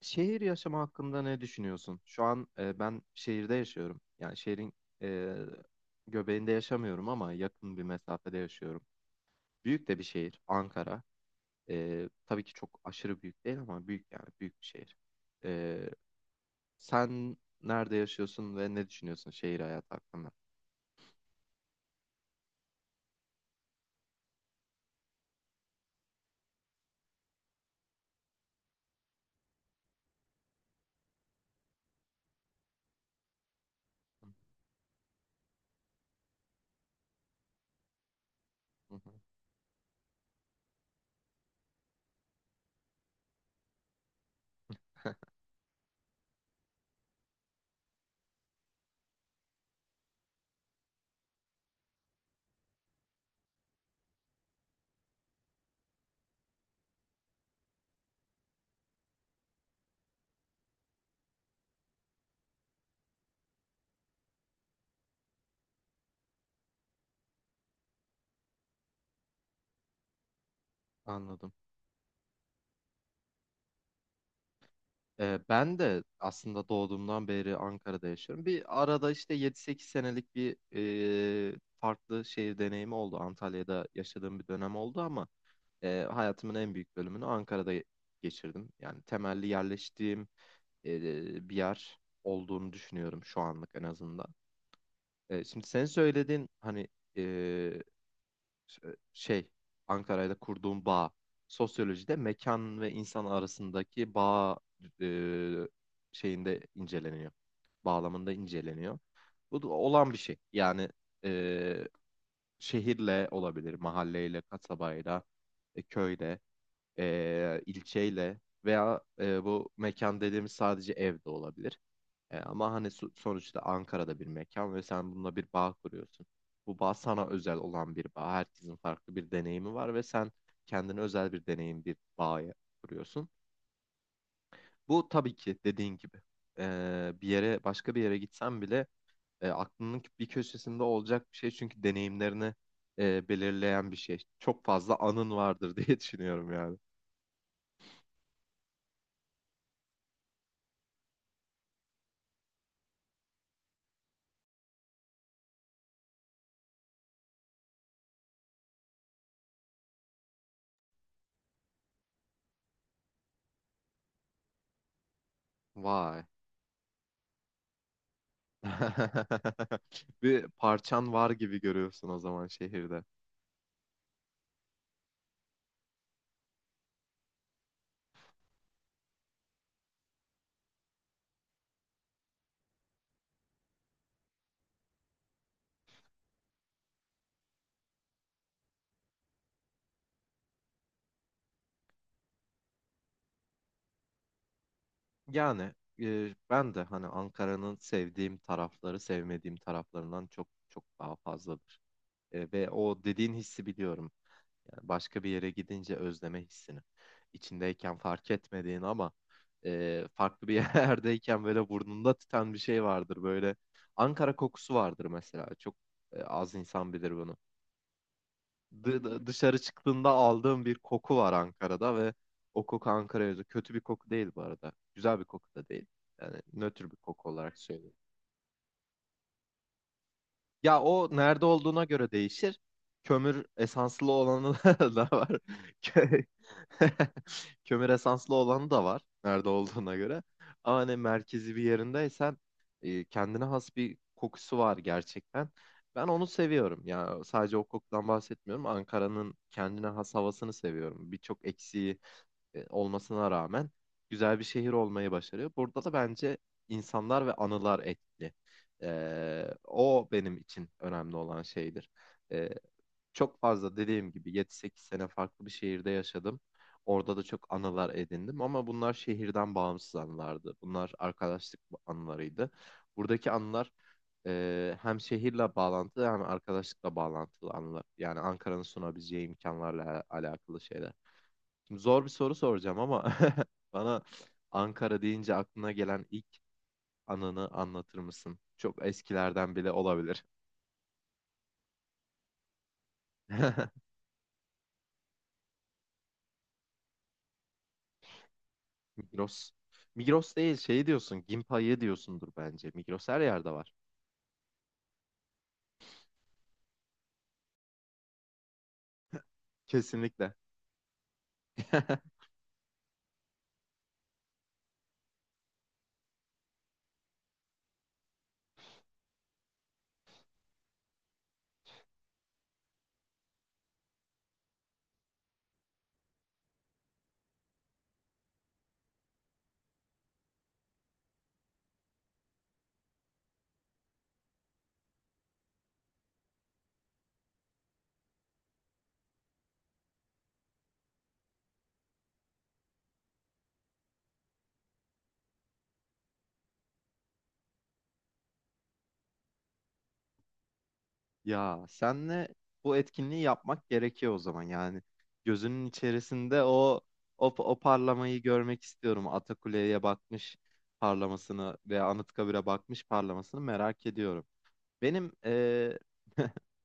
Şehir yaşamı hakkında ne düşünüyorsun? Şu an ben şehirde yaşıyorum. Yani şehrin e, göbeğinde yaşamıyorum ama yakın bir mesafede yaşıyorum. Büyük de bir şehir, Ankara. Tabii ki çok aşırı büyük değil ama büyük, yani büyük bir şehir. E, Sen nerede yaşıyorsun ve ne düşünüyorsun şehir hayatı hakkında? Hı hı. Anladım. Ben de aslında doğduğumdan beri Ankara'da yaşıyorum. Bir arada işte 7-8 senelik bir farklı şehir deneyimi oldu. Antalya'da yaşadığım bir dönem oldu ama hayatımın en büyük bölümünü Ankara'da geçirdim. Yani temelli yerleştiğim bir yer olduğunu düşünüyorum şu anlık en azından. Şimdi sen söylediğin hani, e, şey, Ankara'yla kurduğum bağ. Sosyolojide mekan ve insan arasındaki bağ e, şeyinde inceleniyor. Bağlamında inceleniyor. Bu da olan bir şey. Yani e, şehirle olabilir, mahalleyle, kasabayla, köyle, ilçeyle veya bu mekan dediğimiz sadece evde olabilir. Ama hani sonuçta Ankara'da bir mekan ve sen bununla bir bağ kuruyorsun. Bu bağ sana özel olan bir bağ. Herkesin farklı bir deneyimi var ve sen kendine özel bir deneyim, bir bağ kuruyorsun. Bu tabii ki dediğin gibi bir yere, başka bir yere gitsen bile aklının bir köşesinde olacak bir şey, çünkü deneyimlerini belirleyen bir şey. Çok fazla anın vardır diye düşünüyorum yani. Vay. Bir parçan var gibi görüyorsun o zaman şehirde. Yani ben de hani Ankara'nın sevdiğim tarafları sevmediğim taraflarından çok çok daha fazladır. Ve o dediğin hissi biliyorum. Yani başka bir yere gidince özleme hissini. İçindeyken fark etmediğin ama farklı bir yerdeyken böyle burnunda tüten bir şey vardır. Böyle Ankara kokusu vardır mesela. Çok az insan bilir bunu. Dışarı çıktığında aldığım bir koku var Ankara'da ve o koku Ankara'ya özgü. Kötü bir koku değil bu arada. Güzel bir koku da değil. Yani nötr bir koku olarak söyleyeyim. Ya o nerede olduğuna göre değişir. Kömür esanslı olanı da var. Kö- Kömür esanslı olanı da var. Nerede olduğuna göre. Ama hani merkezi bir yerindeysen kendine has bir kokusu var gerçekten. Ben onu seviyorum. Ya sadece o kokudan bahsetmiyorum. Ankara'nın kendine has havasını seviyorum. Birçok eksiği olmasına rağmen güzel bir şehir olmayı başarıyor. Burada da bence insanlar ve anılar etkili. O benim için önemli olan şeydir. Ee, Çok fazla dediğim gibi 7-8 sene farklı bir şehirde yaşadım. Orada da çok anılar edindim ama bunlar şehirden bağımsız anılardı. Bunlar arkadaşlık anılarıydı. Buradaki anılar hem şehirle bağlantılı hem arkadaşlıkla bağlantılı anılar. Yani Ankara'nın sunabileceği imkanlarla alakalı şeyler. Şimdi zor bir soru soracağım ama bana Ankara deyince aklına gelen ilk anını anlatır mısın? Çok eskilerden bile olabilir. Migros. Migros değil, şey diyorsun. Gimpa'yı diyorsundur bence. Migros her yerde var. Kesinlikle. Ya senle bu etkinliği yapmak gerekiyor o zaman. Yani gözünün içerisinde o parlamayı görmek istiyorum. Atakule'ye bakmış parlamasını veya Anıtkabir'e bakmış parlamasını merak ediyorum. Benim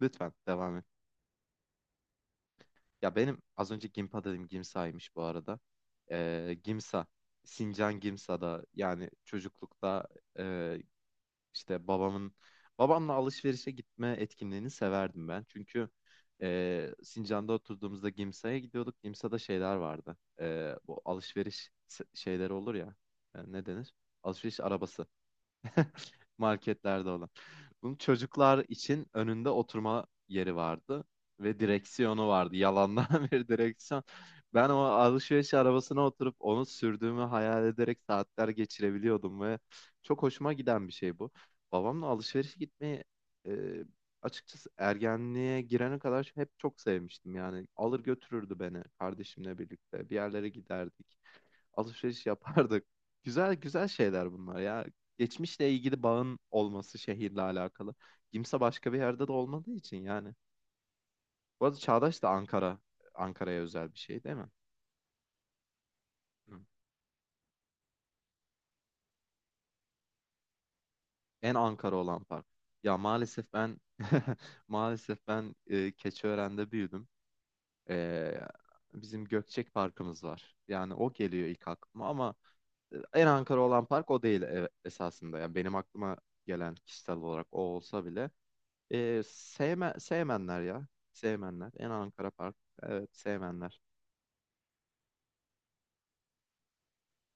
lütfen devam et. Ya benim az önce Gimpa dedim, Gimsa'ymış bu arada. Gimsa. Sincan Gimsa'da yani çocuklukta eee, işte babamla alışverişe gitme etkinliğini severdim ben. Çünkü Sincan'da oturduğumuzda Gimsa'ya gidiyorduk. Gimsa'da şeyler vardı. Bu alışveriş şeyleri olur ya. Ne denir? Alışveriş arabası. Marketlerde olan. Bunun çocuklar için önünde oturma yeri vardı ve direksiyonu vardı. Yalandan bir direksiyon. Ben o alışveriş arabasına oturup onu sürdüğümü hayal ederek saatler geçirebiliyordum ve çok hoşuma giden bir şey bu. Babamla alışverişe gitmeyi e, açıkçası ergenliğe girene kadar hep çok sevmiştim yani. Alır götürürdü beni, kardeşimle birlikte bir yerlere giderdik, alışveriş yapardık. Güzel güzel şeyler bunlar ya. Geçmişle ilgili bağın olması şehirle alakalı. Kimse başka bir yerde de olmadığı için yani. Bu arada Çağdaş da Ankara, Ankara'ya özel bir şey değil mi? Hı. En Ankara olan park. Ya maalesef ben maalesef ben Keçiören'de büyüdüm. E, Bizim Gökçek Parkımız var. Yani o geliyor ilk aklıma ama en Ankara olan park o değil esasında. Yani benim aklıma gelen kişisel olarak o olsa bile sevmenler ya. Sevmenler. En Ankara park. Evet, sevmenler.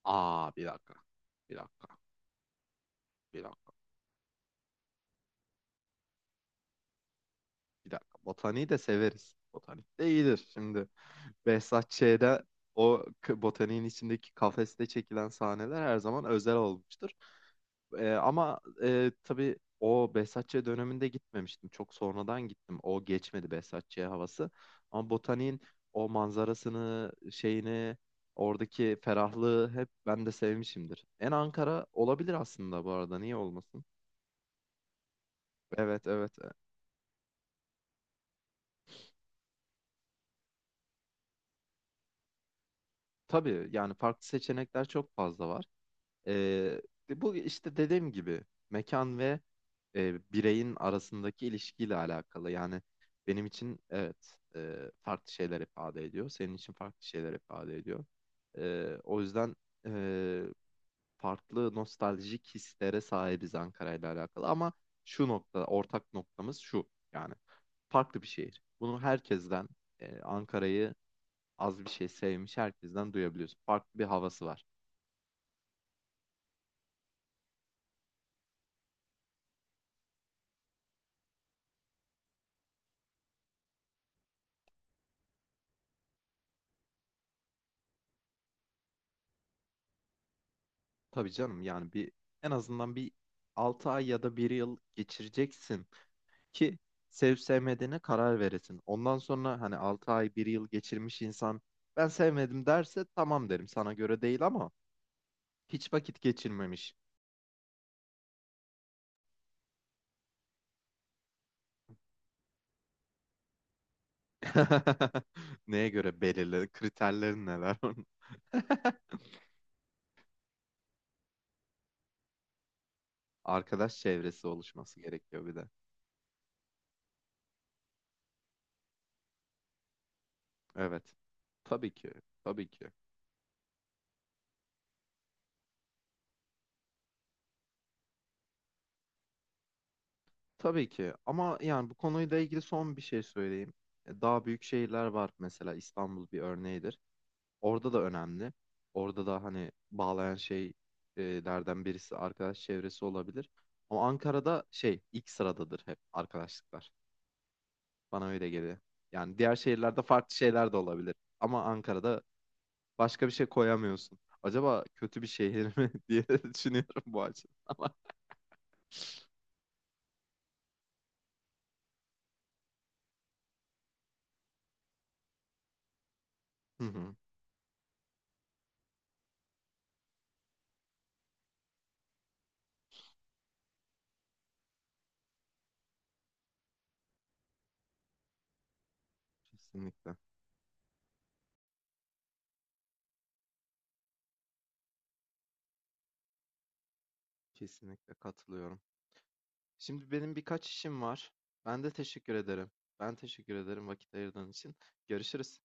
Aa, bir dakika. Bir dakika. Bir dakika. Bir dakika. Botaniği de severiz. Botanik de iyidir. Şimdi Behzat Ç'de o botaniğin içindeki kafeste çekilen sahneler her zaman özel olmuştur. Ama tabii o Behzat Ç döneminde gitmemiştim. Çok sonradan gittim. O geçmedi Behzat Ç havası. Ama botaniğin o manzarasını, şeyini, oradaki ferahlığı hep ben de sevmişimdir. En Ankara olabilir aslında bu arada. Niye olmasın? Evet, evet. Tabii yani farklı seçenekler çok fazla var. Ee, Bu işte dediğim gibi mekan ve bireyin arasındaki ilişkiyle alakalı. Yani benim için evet, farklı şeyler ifade ediyor. Senin için farklı şeyler ifade ediyor. O yüzden e, farklı nostaljik hislere sahibiz Ankara ile alakalı. Ama şu nokta, ortak noktamız şu. Yani farklı bir şehir. Bunu herkesten, Ankara'yı az bir şey sevmiş herkesten duyabiliyorsun. Farklı bir havası var. Tabii canım, yani en azından bir 6 ay ya da bir yıl geçireceksin ki sevip sevmediğine karar veresin. Ondan sonra hani 6 ay bir yıl geçirmiş insan ben sevmedim derse tamam derim, sana göre değil, ama hiç vakit geçirmemiş. Neye göre, belirli kriterlerin neler onun? Arkadaş çevresi oluşması gerekiyor bir de. Evet. Tabii ki. Tabii ki. Tabii ki. Ama yani bu konuyla ilgili son bir şey söyleyeyim. Daha büyük şehirler var, mesela İstanbul bir örneğidir. Orada da önemli. Orada da hani bağlayan şeylerden birisi arkadaş çevresi olabilir. Ama Ankara'da şey ilk sıradadır hep, arkadaşlıklar. Bana öyle geliyor. Yani diğer şehirlerde farklı şeyler de olabilir. Ama Ankara'da başka bir şey koyamıyorsun. Acaba kötü bir şehir mi diye düşünüyorum bu açıdan ama. Hı hı. Kesinlikle. Kesinlikle katılıyorum. Şimdi benim birkaç işim var. Ben de teşekkür ederim. Ben teşekkür ederim vakit ayırdığın için. Görüşürüz.